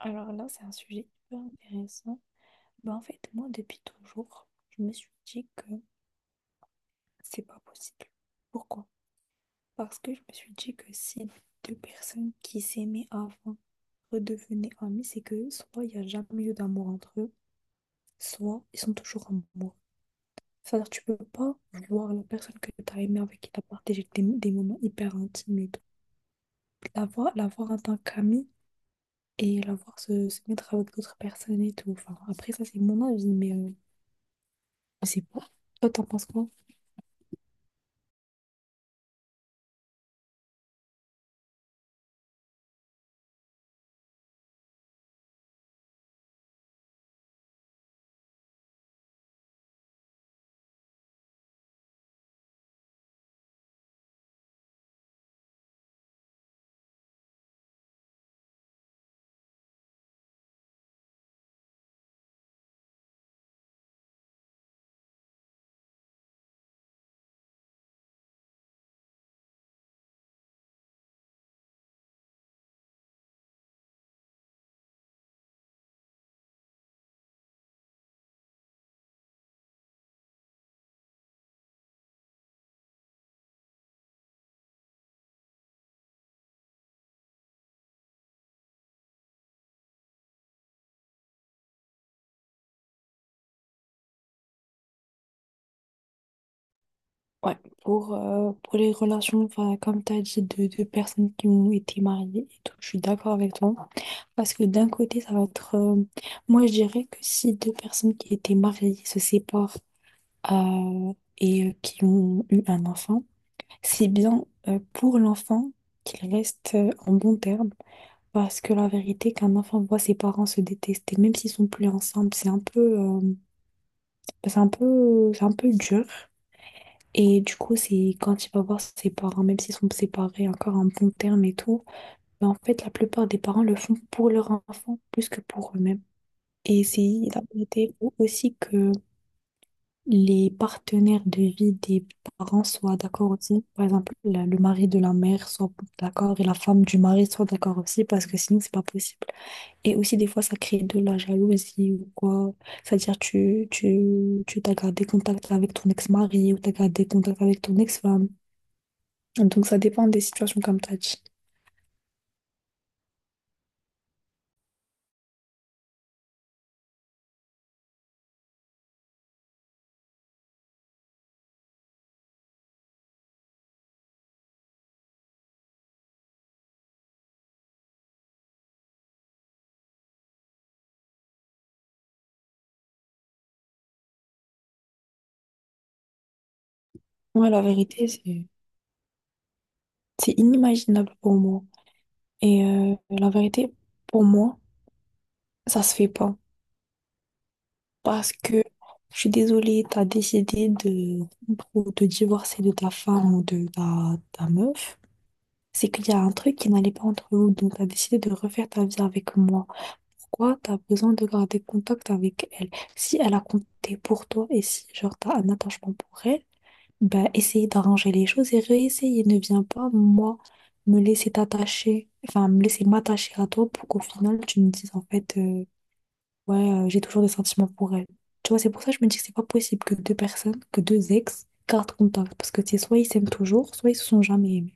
Alors là, c'est un sujet hyper intéressant. Bah, en fait, moi, depuis toujours, je me suis dit que c'est pas possible. Pourquoi? Parce que je me suis dit que si deux personnes qui s'aimaient avant redevenaient amies, c'est que soit il n'y a jamais eu d'amour entre eux, soit ils sont toujours amoureux. C'est-à-dire, tu peux pas voir la personne que tu as aimée, avec qui tu as partagé des moments hyper intimes et tout. La voir en tant qu'amie et la voir se mettre avec d'autres personnes et tout. Enfin, après, ça, c'est mon avis, mais. C'est pour. Toi, t'en penses quoi? Ouais, pour les relations, enfin, comme t'as dit, de personnes qui ont été mariées et tout, je suis d'accord avec toi. Parce que d'un côté, ça va être. Moi, je dirais que si deux personnes qui étaient mariées se séparent euh, et qui ont eu un enfant, c'est bien pour l'enfant qu'il reste en bon terme. Parce que la vérité, qu'un enfant voit ses parents se détester, même s'ils sont plus ensemble, c'est un peu, c'est un peu dur. Et du coup, c'est quand il va voir ses parents, même s'ils sont séparés encore en bon terme et tout, mais en fait, la plupart des parents le font pour leur enfant plus que pour eux-mêmes. Et c'est la vérité aussi que les partenaires de vie des parents soient d'accord aussi. Par exemple, le mari de la mère soit d'accord et la femme du mari soit d'accord aussi parce que sinon, c'est pas possible. Et aussi, des fois, ça crée de la jalousie ou quoi. C'est-à-dire, tu t'as gardé contact avec ton ex-mari ou t'as gardé contact avec ton ex-femme. Donc ça dépend des situations comme tu as dit. Moi, la vérité, c'est inimaginable pour moi. Et la vérité, pour moi, ça se fait pas. Parce que je suis désolée, tu as décidé de te divorcer de ta femme ou de ta meuf. C'est qu'il y a un truc qui n'allait pas entre vous. Donc tu as décidé de refaire ta vie avec moi. Pourquoi tu as besoin de garder contact avec elle? Si elle a compté pour toi et si genre tu as un attachement pour elle. Bah, essayer d'arranger les choses et réessayer. Ne viens pas, moi, me laisser t'attacher, enfin, me laisser m'attacher à toi pour qu'au final, tu me dises, en fait, ouais, j'ai toujours des sentiments pour elle. Tu vois, c'est pour ça que je me dis que c'est pas possible que deux personnes, que deux ex, gardent contact. Parce que, tu sais, soit ils s'aiment toujours, soit ils se sont jamais aimés.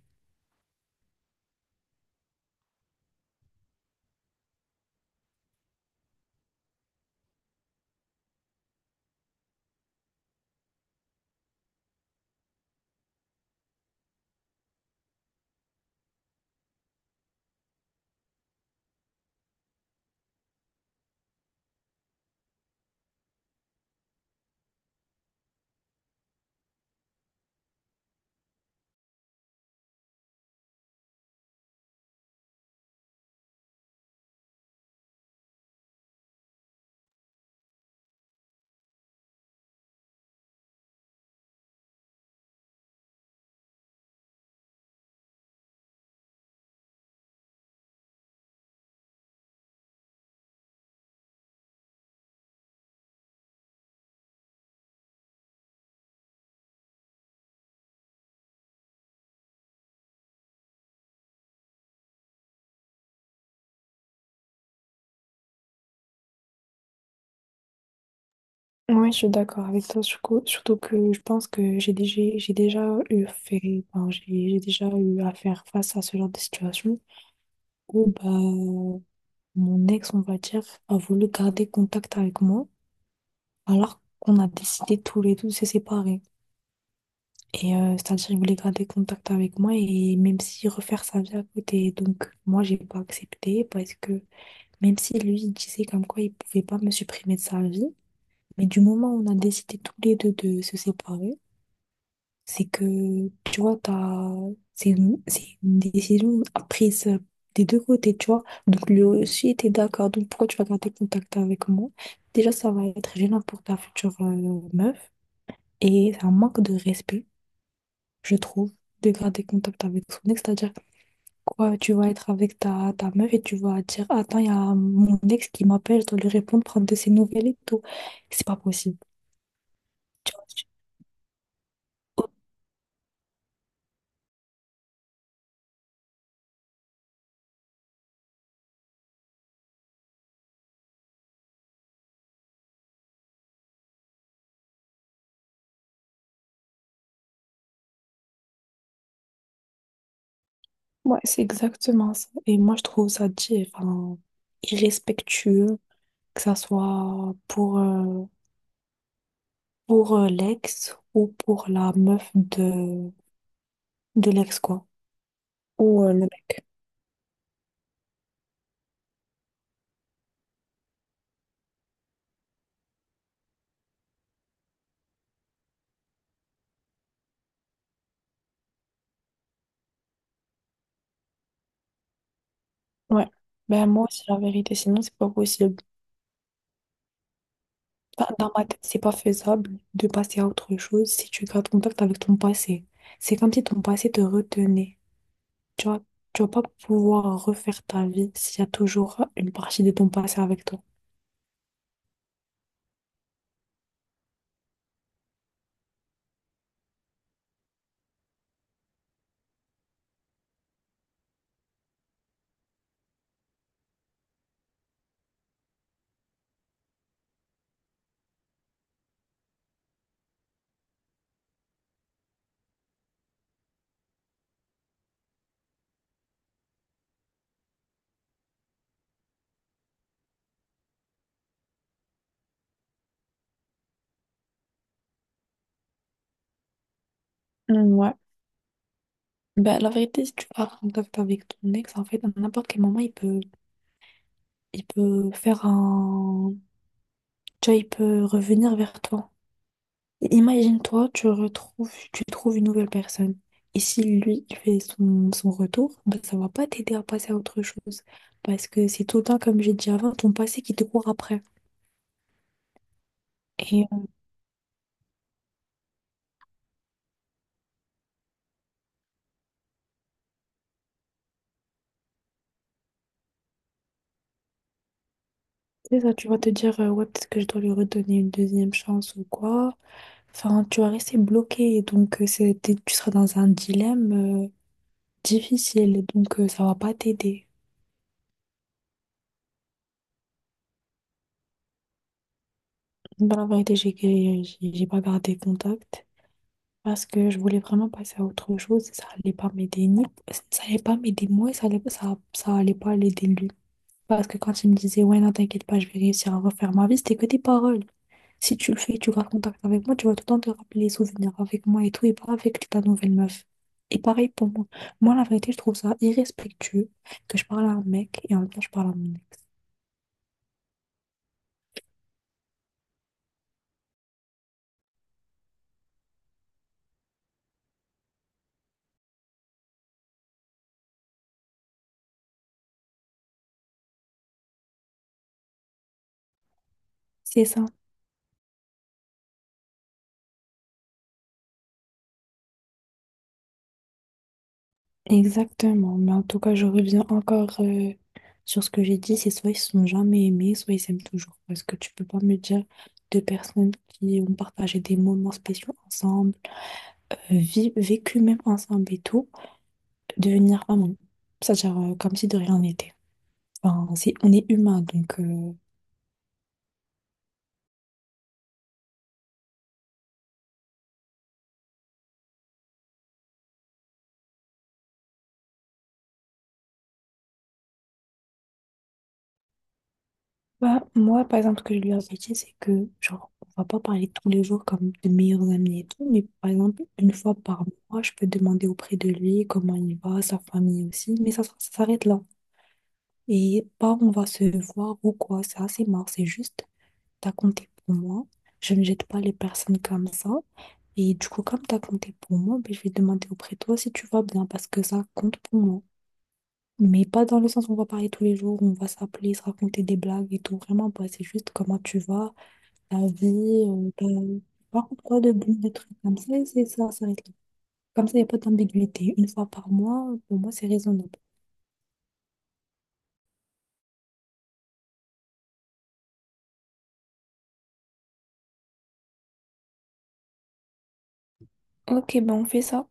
Ouais, je suis d'accord avec toi, surtout que je pense que j'ai déjà eu fait, enfin, j'ai déjà eu à faire face à ce genre de situation où bah, mon ex, on va dire, a voulu garder contact avec moi alors qu'on a décidé tous les deux de se séparer. Et c'est-à-dire, il voulait garder contact avec moi et même si refaire sa vie à côté. Donc, moi, j'ai pas accepté parce que même si lui, il disait comme quoi il pouvait pas me supprimer de sa vie, mais du moment où on a décidé tous les deux de se séparer, c'est que, tu vois, t'as, c'est c'est une décision prise des deux côtés, tu vois. Donc, lui aussi était d'accord. Donc, pourquoi tu vas garder contact avec moi? Déjà, ça va être gênant pour ta future meuf. Et c'est un manque de respect, je trouve, de garder contact avec son ex. C'est-à-dire, quoi, tu vas être avec ta meuf et tu vas dire, attends, il y a mon ex qui m'appelle, je dois lui répondre, prendre de ses nouvelles et tout. C'est pas possible. Ouais, c'est exactement ça. Et moi, je trouve ça enfin, irrespectueux, que ça soit pour l'ex ou pour la meuf de l'ex, quoi. Ou le mec. Ouais. Ben, moi aussi, la vérité, sinon, c'est pas possible. Enfin, dans ma tête, c'est pas faisable de passer à autre chose si tu gardes contact avec ton passé. C'est comme si ton passé te retenait. Tu vois, tu vas pas pouvoir refaire ta vie s'il y a toujours une partie de ton passé avec toi. Mm, ouais. Bah, la vérité, si tu vas en contact avec ton ex, en fait, à n'importe quel moment, il peut faire un... Tu vois, il peut revenir vers toi. Imagine-toi, tu trouves une nouvelle personne. Et si lui, il fait son retour, bah, ça va pas t'aider à passer à autre chose. Parce que c'est tout le temps, comme j'ai dit avant, ton passé qui te court après. Et euh, c'est ça, tu vas te dire, ouais, peut-être que je dois lui redonner une deuxième chance ou quoi. Enfin, tu vas rester bloqué. Donc, tu seras dans un dilemme euh, difficile, donc ça va pas t'aider. Dans la vérité, j'ai pas gardé contact parce que je voulais vraiment passer à autre chose et ça allait pas m'aider ni ça allait pas m'aider moi et ça allait pas l'aider lui. Parce que quand il me disait ouais non t'inquiète pas je vais réussir à refaire ma vie, c'était que des paroles. Si tu le fais, tu gardes contact avec moi, tu vas tout le temps te rappeler les souvenirs avec moi et tout, et pas avec ta nouvelle meuf. Et pareil pour moi. Moi, la vérité, je trouve ça irrespectueux que je parle à un mec et en même temps je parle à mon ex. C'est ça. Exactement, mais en tout cas, je reviens encore sur ce que j'ai dit, c'est soit ils se sont jamais aimés, soit ils s'aiment toujours. Parce que tu peux pas me dire deux personnes qui ont partagé des moments spéciaux ensemble, vécu même ensemble et tout, devenir amants. C'est-à-dire comme si de rien n'était. Enfin, c'est- on est humain, donc bah, moi, par exemple, ce que je lui ai dit, c'est que, genre, on va pas parler tous les jours comme de meilleurs amis et tout, mais par exemple, une fois par mois, je peux demander auprès de lui comment il va, sa famille aussi, mais ça s'arrête là. Et pas on va se voir ou quoi, c'est assez marrant, c'est juste, t'as compté pour moi, je ne jette pas les personnes comme ça, et du coup, comme t'as compté pour moi, ben, je vais demander auprès de toi si tu vas bien, parce que ça compte pour moi. Mais pas dans le sens où on va parler tous les jours, on va s'appeler, se raconter des blagues et tout. Vraiment pas, c'est juste comment tu vas, ta vie, par contre, pas de bulles, de trucs comme ça, c'est ça, ça reste là. Comme ça, il n'y a pas d'ambiguïté. Une fois par mois, pour moi, c'est raisonnable. Ok, ben on fait ça.